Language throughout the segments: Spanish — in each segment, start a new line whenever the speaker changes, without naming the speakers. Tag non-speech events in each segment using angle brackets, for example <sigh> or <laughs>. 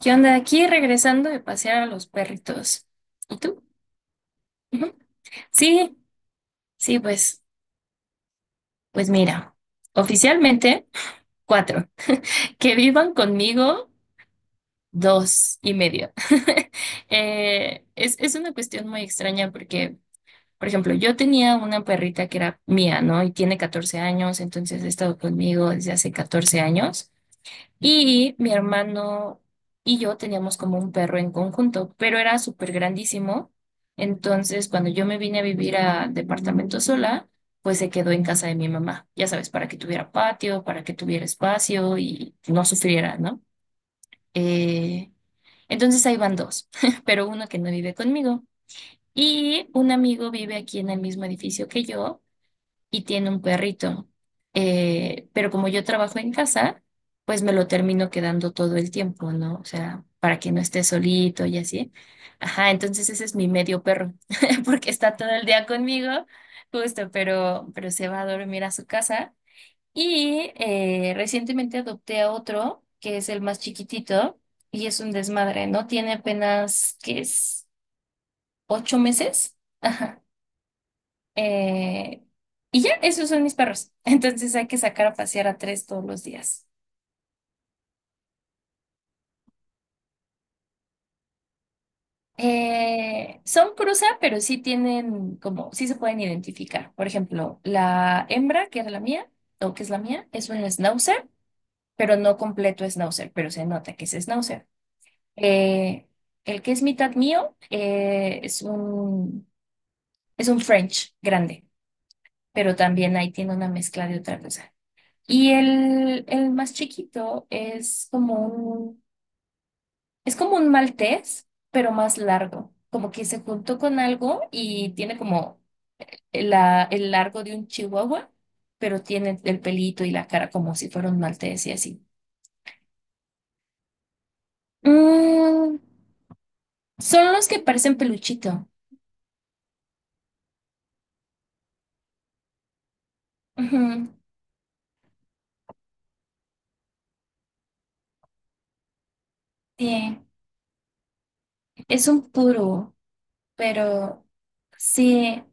¿Qué onda? Aquí regresando de pasear a los perritos. ¿Y tú? Ujú. Sí, sí, pues mira, oficialmente cuatro. Que vivan conmigo dos y medio. <laughs> Es una cuestión muy extraña porque, por ejemplo, yo tenía una perrita que era mía, ¿no? Y tiene 14 años, entonces ha estado conmigo desde hace 14 años. Y mi hermano y yo teníamos como un perro en conjunto, pero era súper grandísimo. Entonces, cuando yo me vine a vivir a departamento sola, pues se quedó en casa de mi mamá, ya sabes, para que tuviera patio, para que tuviera espacio y no sufriera, ¿no? Eh, entonces ahí van dos, <laughs> pero uno que no vive conmigo. Y un amigo vive aquí en el mismo edificio que yo y tiene un perrito. Pero como yo trabajo en casa, pues me lo termino quedando todo el tiempo, ¿no? O sea, para que no esté solito y así. Ajá, entonces ese es mi medio perro, <laughs> porque está todo el día conmigo, justo, pero se va a dormir a su casa. Y recientemente adopté a otro, que es el más chiquitito, y es un desmadre, ¿no? Tiene apenas, ¿qué es? ¿8 meses? Ajá. Eh, y ya, esos son mis perros. <laughs> Entonces hay que sacar a pasear a tres todos los días. Son cruza, pero sí tienen como, sí se pueden identificar. Por ejemplo, la hembra, que era la mía, o que es la mía, es un schnauzer, pero no completo schnauzer, pero se nota que es schnauzer. Eh, el que es mitad mío es un French grande, pero también ahí tiene una mezcla de otra cosa. Y el más chiquito es como un maltés, pero más largo. Como que se juntó con algo y tiene como el largo de un chihuahua, pero tiene el pelito y la cara como si fuera un maltés y así. Mm, Son los que parecen peluchito. Ujú. Sí, es un puro, pero sí.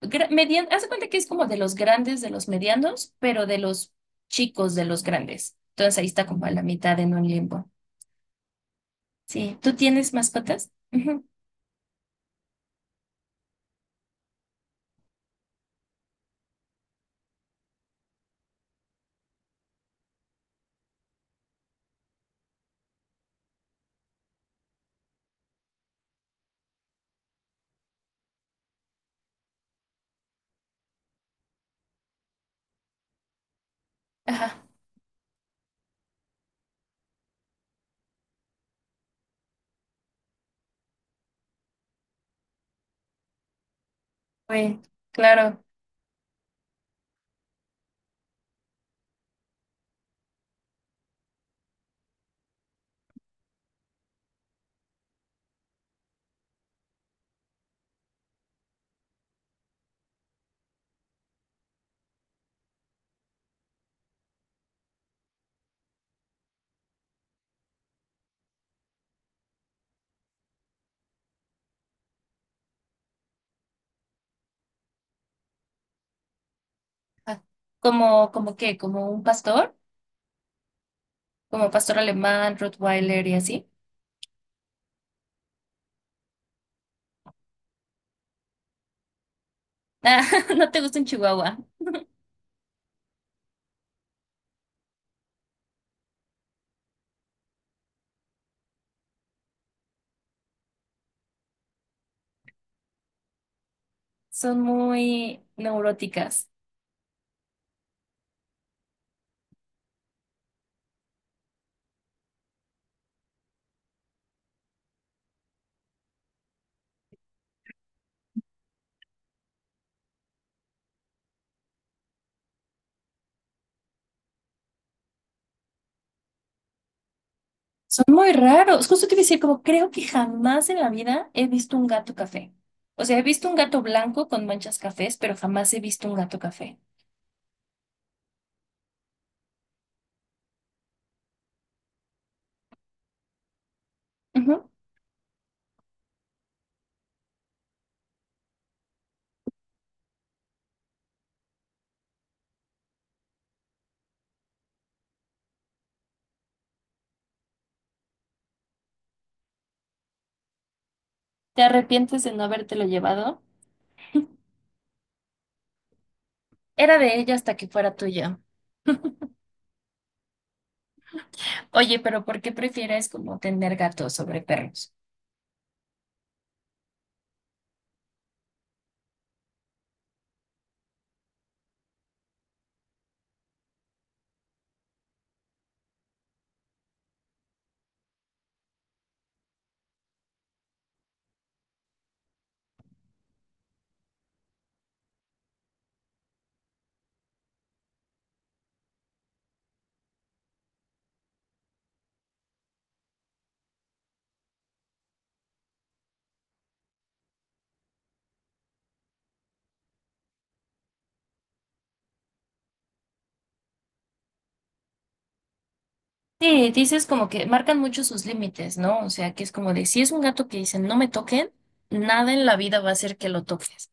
Haz de cuenta que es como de los grandes, de los medianos, pero de los chicos, de los grandes. Entonces ahí está como a la mitad en un limbo. Sí, ¿tú tienes mascotas? Ujú. Ajá, bueno, claro. Ah. ¿Como qué? ¿Como un pastor? ¿Como pastor alemán, Rottweiler y así? Ah, <laughs> no te gusta un chihuahua. Son muy neuróticas. Son muy raros. Justo te iba a decir, como creo que jamás en la vida he visto un gato café. O sea, he visto un gato blanco con manchas cafés, pero jamás he visto un gato café. Ujú. ¿Te arrepientes de no habértelo llevado? Era de ella hasta que fuera tuyo. Oye, pero ¿por qué prefieres como tener gatos sobre perros? Sí, dices como que marcan mucho sus límites, ¿no? O sea, que es como de si es un gato que dicen no me toquen, nada en la vida va a hacer que lo toques.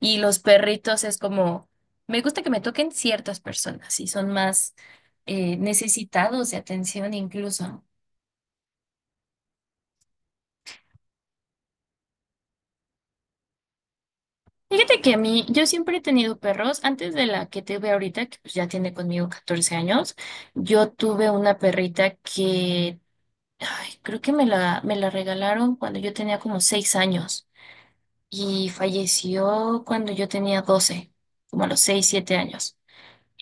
Y los perritos es como, me gusta que me toquen ciertas personas y son más necesitados de atención incluso. Fíjate que a mí, yo siempre he tenido perros, antes de la que tuve ahorita, que pues ya tiene conmigo 14 años, yo tuve una perrita que ay, creo que me la regalaron cuando yo tenía como 6 años y falleció cuando yo tenía 12 como a los seis, siete años.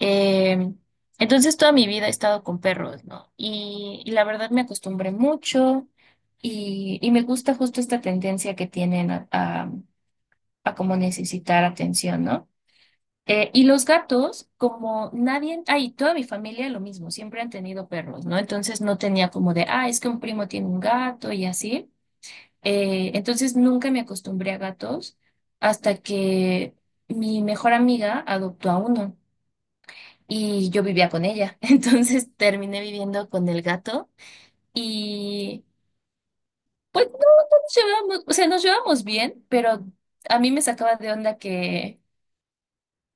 Eh, entonces toda mi vida he estado con perros, ¿no? Y la verdad me acostumbré mucho y me gusta justo esta tendencia que tienen a, como necesitar atención, ¿no? Y los gatos, como nadie, ay, toda mi familia lo mismo, siempre han tenido perros, ¿no? Entonces no tenía como de, ah, es que un primo tiene un gato y así. Entonces nunca me acostumbré a gatos hasta que mi mejor amiga adoptó a uno y yo vivía con ella. <laughs> Entonces terminé viviendo con el gato y pues no nos llevábamos, o sea, nos llevamos bien, pero a mí me sacaba de onda que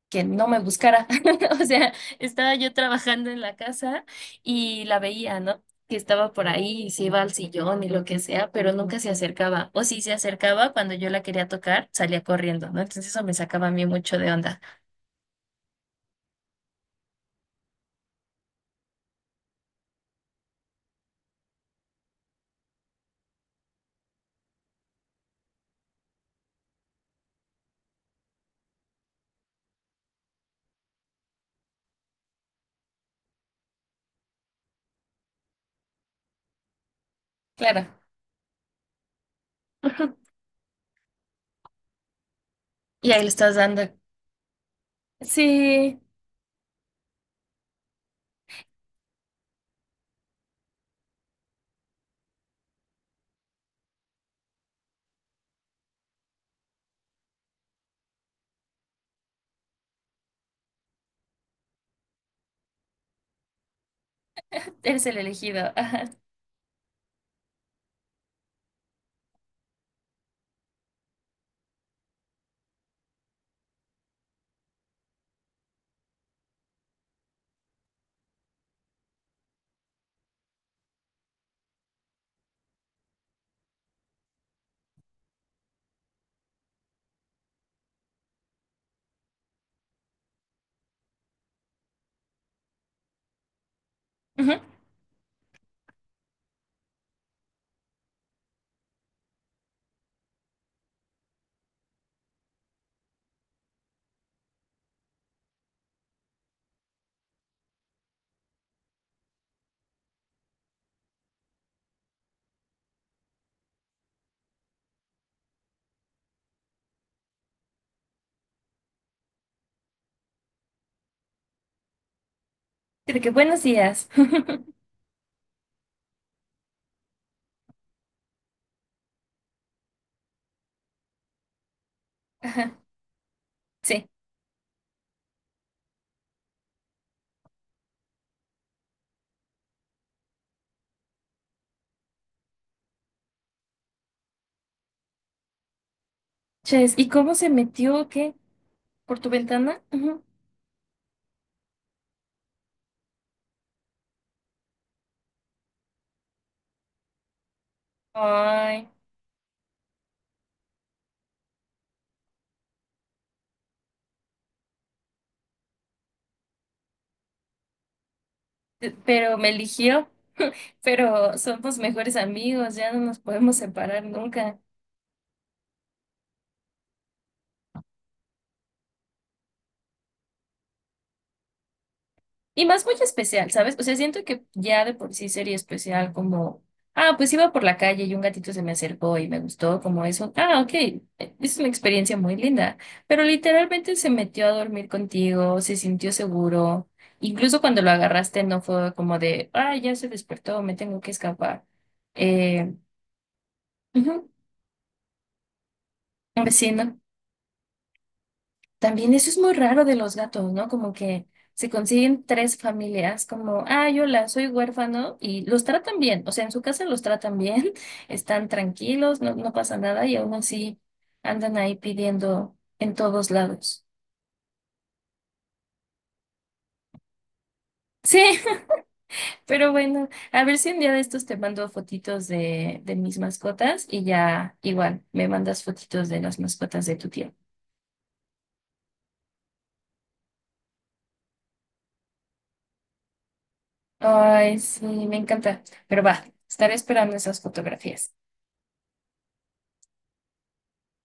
que no me buscara. <laughs> O sea, estaba yo trabajando en la casa y la veía, ¿no? Que estaba por ahí y se iba al sillón y lo que sea, pero nunca se acercaba. O si se acercaba, cuando yo la quería tocar, salía corriendo, ¿no? Entonces eso me sacaba a mí mucho de onda. Claro. <laughs> Y ahí le estás dando. Sí, eres el elegido. Ajá. Ujú. Y de que buenos días. <laughs> Ajá. Sí. Ches, ¿y cómo se metió? ¿Qué? ¿Por tu ventana? Ujú. Ay, pero me eligió. Pero somos mejores amigos, ya no nos podemos separar nunca. Y más muy especial, ¿sabes? O sea, siento que ya de por sí sería especial como, ah, pues iba por la calle y un gatito se me acercó y me gustó, como eso. Ah, ok, es una experiencia muy linda, pero literalmente se metió a dormir contigo, se sintió seguro. Incluso cuando lo agarraste no fue como de, ah, ya se despertó, me tengo que escapar. Eh, Ujú, un vecino. También eso es muy raro de los gatos, ¿no? Como que se consiguen tres familias, como, ah, yo la soy huérfano, y los tratan bien, o sea, en su casa los tratan bien, <laughs> están tranquilos, no, no pasa nada, y aún así andan ahí pidiendo en todos lados. Sí, <laughs> pero bueno, a ver si un día de estos te mando fotitos de mis mascotas y ya igual me mandas fotitos de las mascotas de tu tío. Ay, sí, me encanta, pero va, estaré esperando esas fotografías.